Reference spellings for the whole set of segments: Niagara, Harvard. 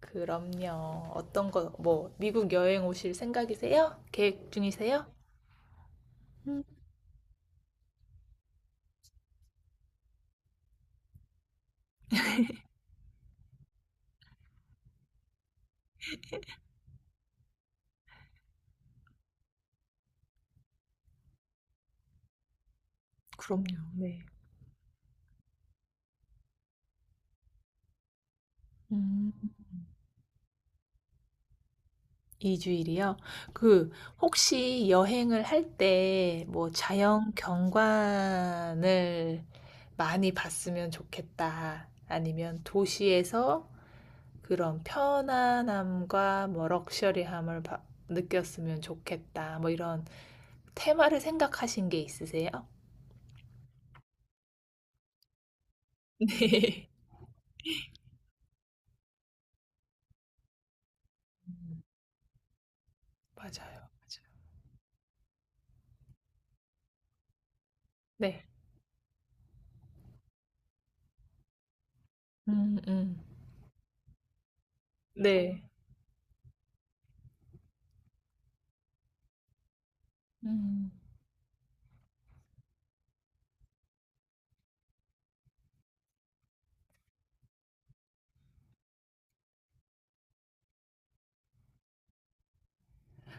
그럼요. 어떤 거, 뭐, 미국 여행 오실 생각이세요? 계획 중이세요? 그럼요. 네. 음, 2주일이요? 그, 혹시 여행을 할 때 뭐 자연 경관을 많이 봤으면 좋겠다. 아니면 도시에서 그런 편안함과 뭐 럭셔리함을 느꼈으면 좋겠다. 뭐 이런 테마를 생각하신 게 있으세요? 네. 음, 맞아요. 맞아요. 네. 음, 음, 네. 음.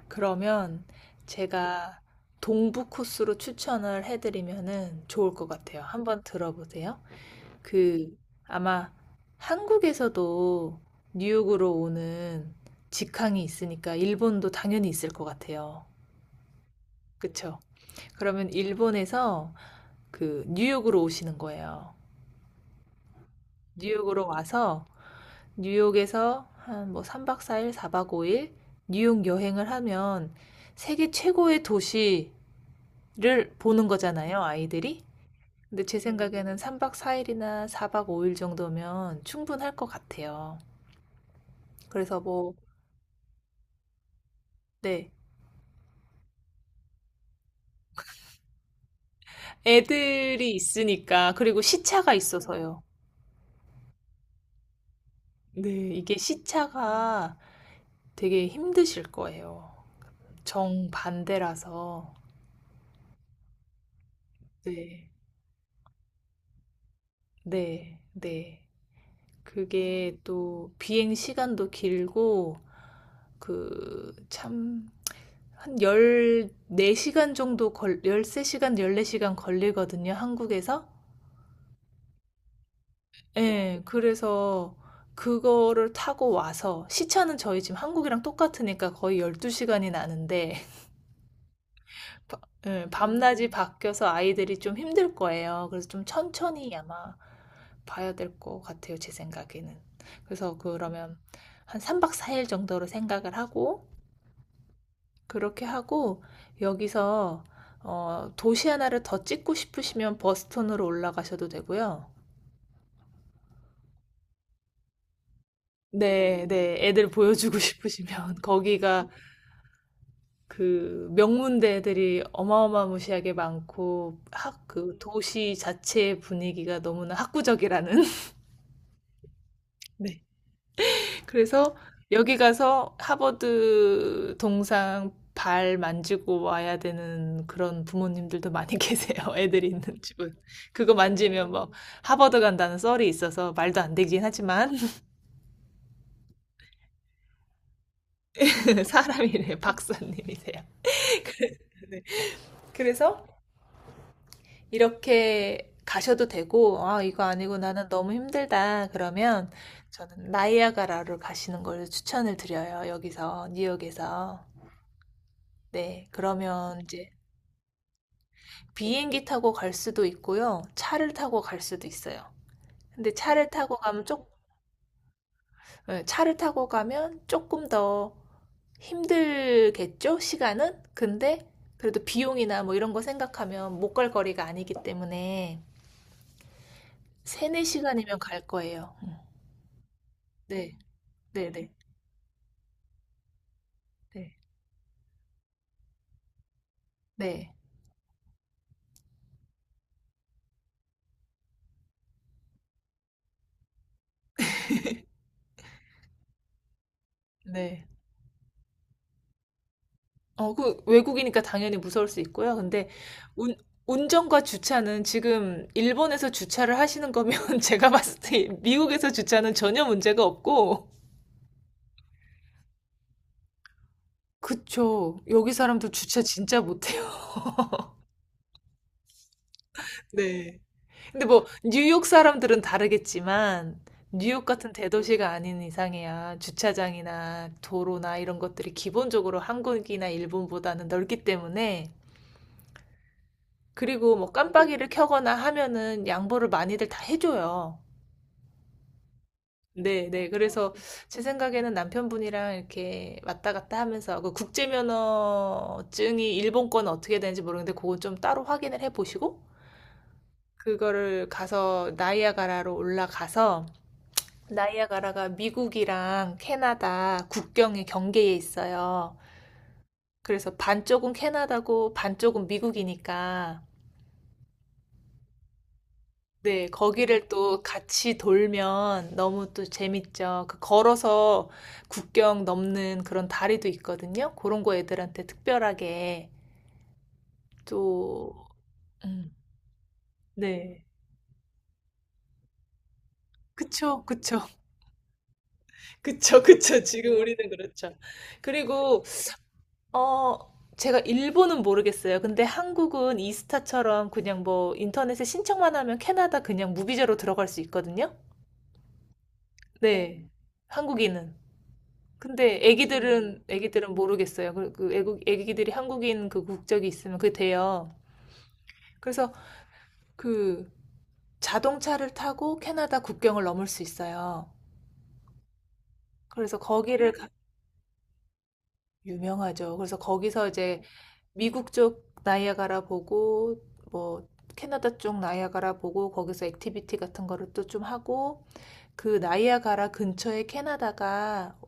그러면 제가 동부 코스로 추천을 해드리면은 좋을 것 같아요. 한번 들어보세요. 그 아마 한국에서도 뉴욕으로 오는 직항이 있으니까 일본도 당연히 있을 것 같아요. 그쵸? 그러면 일본에서 뉴욕으로 오시는 거예요. 뉴욕으로 와서 뉴욕에서 한 뭐 3박 4일, 4박 5일 뉴욕 여행을 하면 세계 최고의 도시를 보는 거잖아요, 아이들이. 근데 제 생각에는 3박 4일이나 4박 5일 정도면 충분할 것 같아요. 그래서 뭐, 네. 애들이 있으니까, 그리고 시차가 있어서요. 네, 이게 시차가 되게 힘드실 거예요. 정반대라서. 네, 네, 네. 그게 또 비행 시간도 길고 참 한 14시간 정도 걸 13시간, 14시간 걸리거든요, 한국에서. 예, 그래서 그거를 타고 와서 시차는 저희 지금 한국이랑 똑같으니까 거의 12시간이 나는데 바- 예, 밤낮이 바뀌어서 아이들이 좀 힘들 거예요. 그래서 좀 천천히 아마 봐야 될 것 같아요, 제 생각에는. 그래서 그러면 한 3박 4일 정도로 생각을 하고, 그렇게 하고 여기서 도시 하나를 더 찍고 싶으시면 버스턴으로 올라가셔도 되고요. 네, 네. 애들 보여주고 싶으시면 거기가 그 명문대 애들이 어마어마무시하게 많고 그 도시 자체의 분위기가 너무나 학구적이라는. 네. 그래서 여기 가서 하버드 동상 발 만지고 와야 되는 그런 부모님들도 많이 계세요. 애들이 있는 집은. 그거 만지면 뭐 하버드 간다는 썰이 있어서 말도 안 되긴 하지만. 사람이래. 박사님이세요. 네. 그래서 이렇게 가셔도 되고, 아, 이거 아니고 나는 너무 힘들다. 그러면 저는 나이아가라를 가시는 걸 추천을 드려요. 여기서, 뉴욕에서. 네, 그러면 이제 비행기 타고 갈 수도 있고요. 차를 타고 갈 수도 있어요. 근데 차를 타고 가면 예, 차를 타고 가면 조금 더 힘들겠죠? 시간은? 근데 그래도 비용이나 뭐 이런 거 생각하면 못 갈 거리가 아니기 때문에 세네 시간이면 갈 거예요. 네, 네, 네, 네, 네, 네. 어, 그 외국이니까 당연히 무서울 수 있고요. 근데 운 운전과 주차는 지금 일본에서 주차를 하시는 거면 제가 봤을 때 미국에서 주차는 전혀 문제가 없고. 그쵸. 여기 사람들 주차 진짜 못해요. 네. 근데 뭐 뉴욕 사람들은 다르겠지만 뉴욕 같은 대도시가 아닌 이상에야 주차장이나 도로나 이런 것들이 기본적으로 한국이나 일본보다는 넓기 때문에. 그리고 뭐 깜빡이를 켜거나 하면은 양보를 많이들 다 해줘요. 네, 네. 그래서 제 생각에는 남편분이랑 이렇게 왔다 갔다 하면서 그 국제면허증이 일본권 어떻게 되는지 모르겠는데 그건 좀 따로 확인을 해 보시고, 그거를 가서 나이아가라로 올라가서 나이아가라가 미국이랑 캐나다 국경의 경계에 있어요. 그래서 반쪽은 캐나다고 반쪽은 미국이니까, 네, 거기를 또 같이 돌면 너무 또 재밌죠. 그 걸어서 국경 넘는 그런 다리도 있거든요. 그런 거 애들한테 특별하게. 또, 음, 네. 그쵸, 그쵸. 그쵸, 그쵸. 지금 우리는 그렇죠. 그리고, 어, 제가 일본은 모르겠어요. 근데 한국은 이스타처럼 그냥 뭐 인터넷에 신청만 하면 캐나다 그냥 무비자로 들어갈 수 있거든요. 네. 한국인은. 근데 애기들은 모르겠어요. 그 애국 애기들이 한국인 그 국적이 있으면 그게 돼요. 그래서 그 자동차를 타고 캐나다 국경을 넘을 수 있어요. 그래서 거기를 가- 유명하죠. 그래서 거기서 이제 미국 쪽 나이아가라 보고 뭐 캐나다 쪽 나이아가라 보고 거기서 액티비티 같은 거를 또 좀 하고, 그 나이아가라 근처에 캐나다가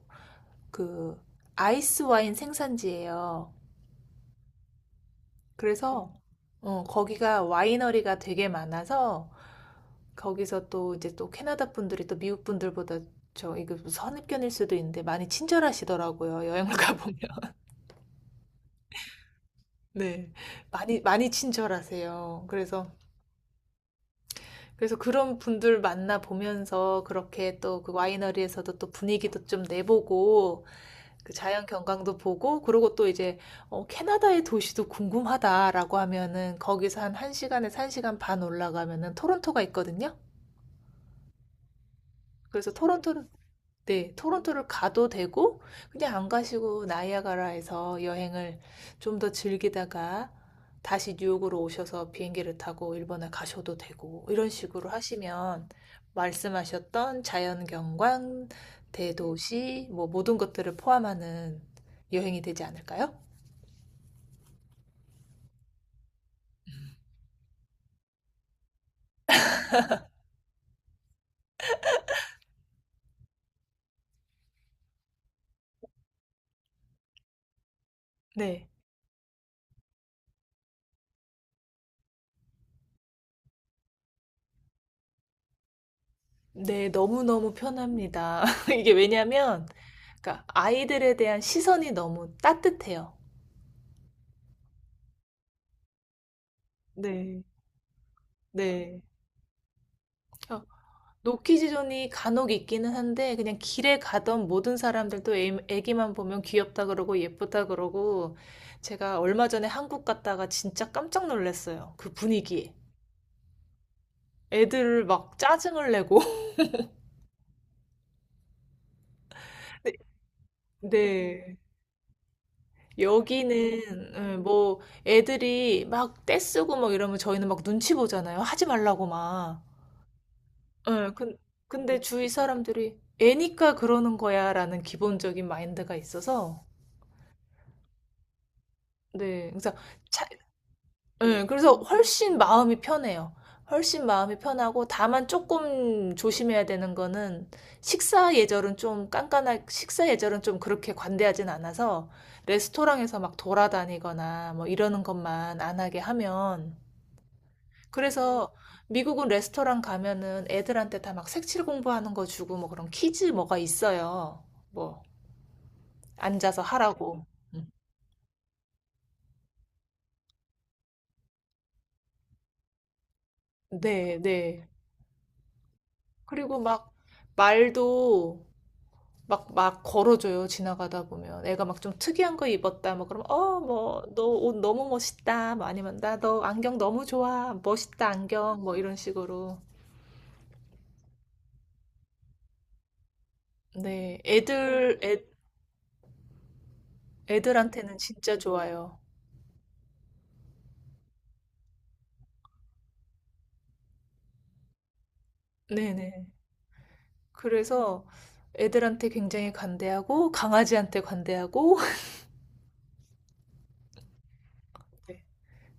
그 아이스 와인 생산지예요. 그래서 거기가 와이너리가 되게 많아서 거기서 또 이제 또 캐나다 분들이 또 미국 분들보다 저 이거 선입견일 수도 있는데 많이 친절하시더라고요. 여행을 가보면. 네. 많이 많이 친절하세요. 그래서 그런 분들 만나 보면서 그렇게 또 그 와이너리에서도 또 분위기도 좀 내보고 그 자연 경관도 보고. 그리고 또 이제 캐나다의 도시도 궁금하다라고 하면은 거기서 한 1시간에서 1시간 반 올라가면은 토론토가 있거든요. 그래서 토론토를 네, 토론토를 가도 되고 그냥 안 가시고 나이아가라에서 여행을 좀 더 즐기다가 다시 뉴욕으로 오셔서 비행기를 타고 일본에 가셔도 되고. 이런 식으로 하시면 말씀하셨던 자연 경관, 대도시 뭐 모든 것들을 포함하는 여행이 되지 않을까요? 네. 네, 너무너무 편합니다. 이게 왜냐면 그러니까 아이들에 대한 시선이 너무 따뜻해요. 네, 네. 어, 노키즈존이 간혹 있기는 한데 그냥 길에 가던 모든 사람들도 애기만 보면 귀엽다 그러고 예쁘다 그러고. 제가 얼마 전에 한국 갔다가 진짜 깜짝 놀랐어요. 그 분위기에. 애들 막 짜증을 내고. 네. 네. 여기는 예, 뭐 애들이 막 떼쓰고 막 이러면 저희는 막 눈치 보잖아요. 하지 말라고 막. 예, 근데 주위 사람들이 애니까 그러는 거야라는 기본적인 마인드가 있어서. 네. 그래서 차- 예, 그래서 훨씬 마음이 편해요. 훨씬 마음이 편하고 다만 조금 조심해야 되는 거는, 식사 예절은 좀 그렇게 관대하진 않아서 레스토랑에서 막 돌아다니거나 뭐 이러는 것만 안 하게 하면. 그래서 미국은 레스토랑 가면은 애들한테 다 막 색칠 공부하는 거 주고 뭐 그런 퀴즈 뭐가 있어요. 뭐 앉아서 하라고. 음. 네, 네. 그리고 막 말도 막 걸어줘요, 지나가다 보면. 애가 막 좀 특이한 거 입었다, 뭐, 그러면, 뭐, 너 옷 너무 멋있다, 뭐, 아니면, 나 너 안경 너무 좋아, 멋있다, 안경, 뭐, 이런 식으로. 네, 애들한테는 진짜 좋아요. 네네. 그래서 애들한테 굉장히 관대하고, 강아지한테 관대하고, 네.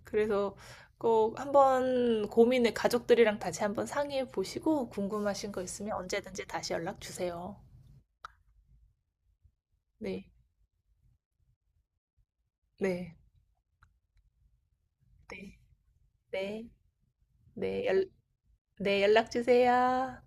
그래서 꼭 한번 고민을, 가족들이랑 다시 한번 상의해 보시고, 궁금하신 거 있으면 언제든지 다시 연락 주세요. 네, 네, 네. 네, 네, 네, 연락 주세요.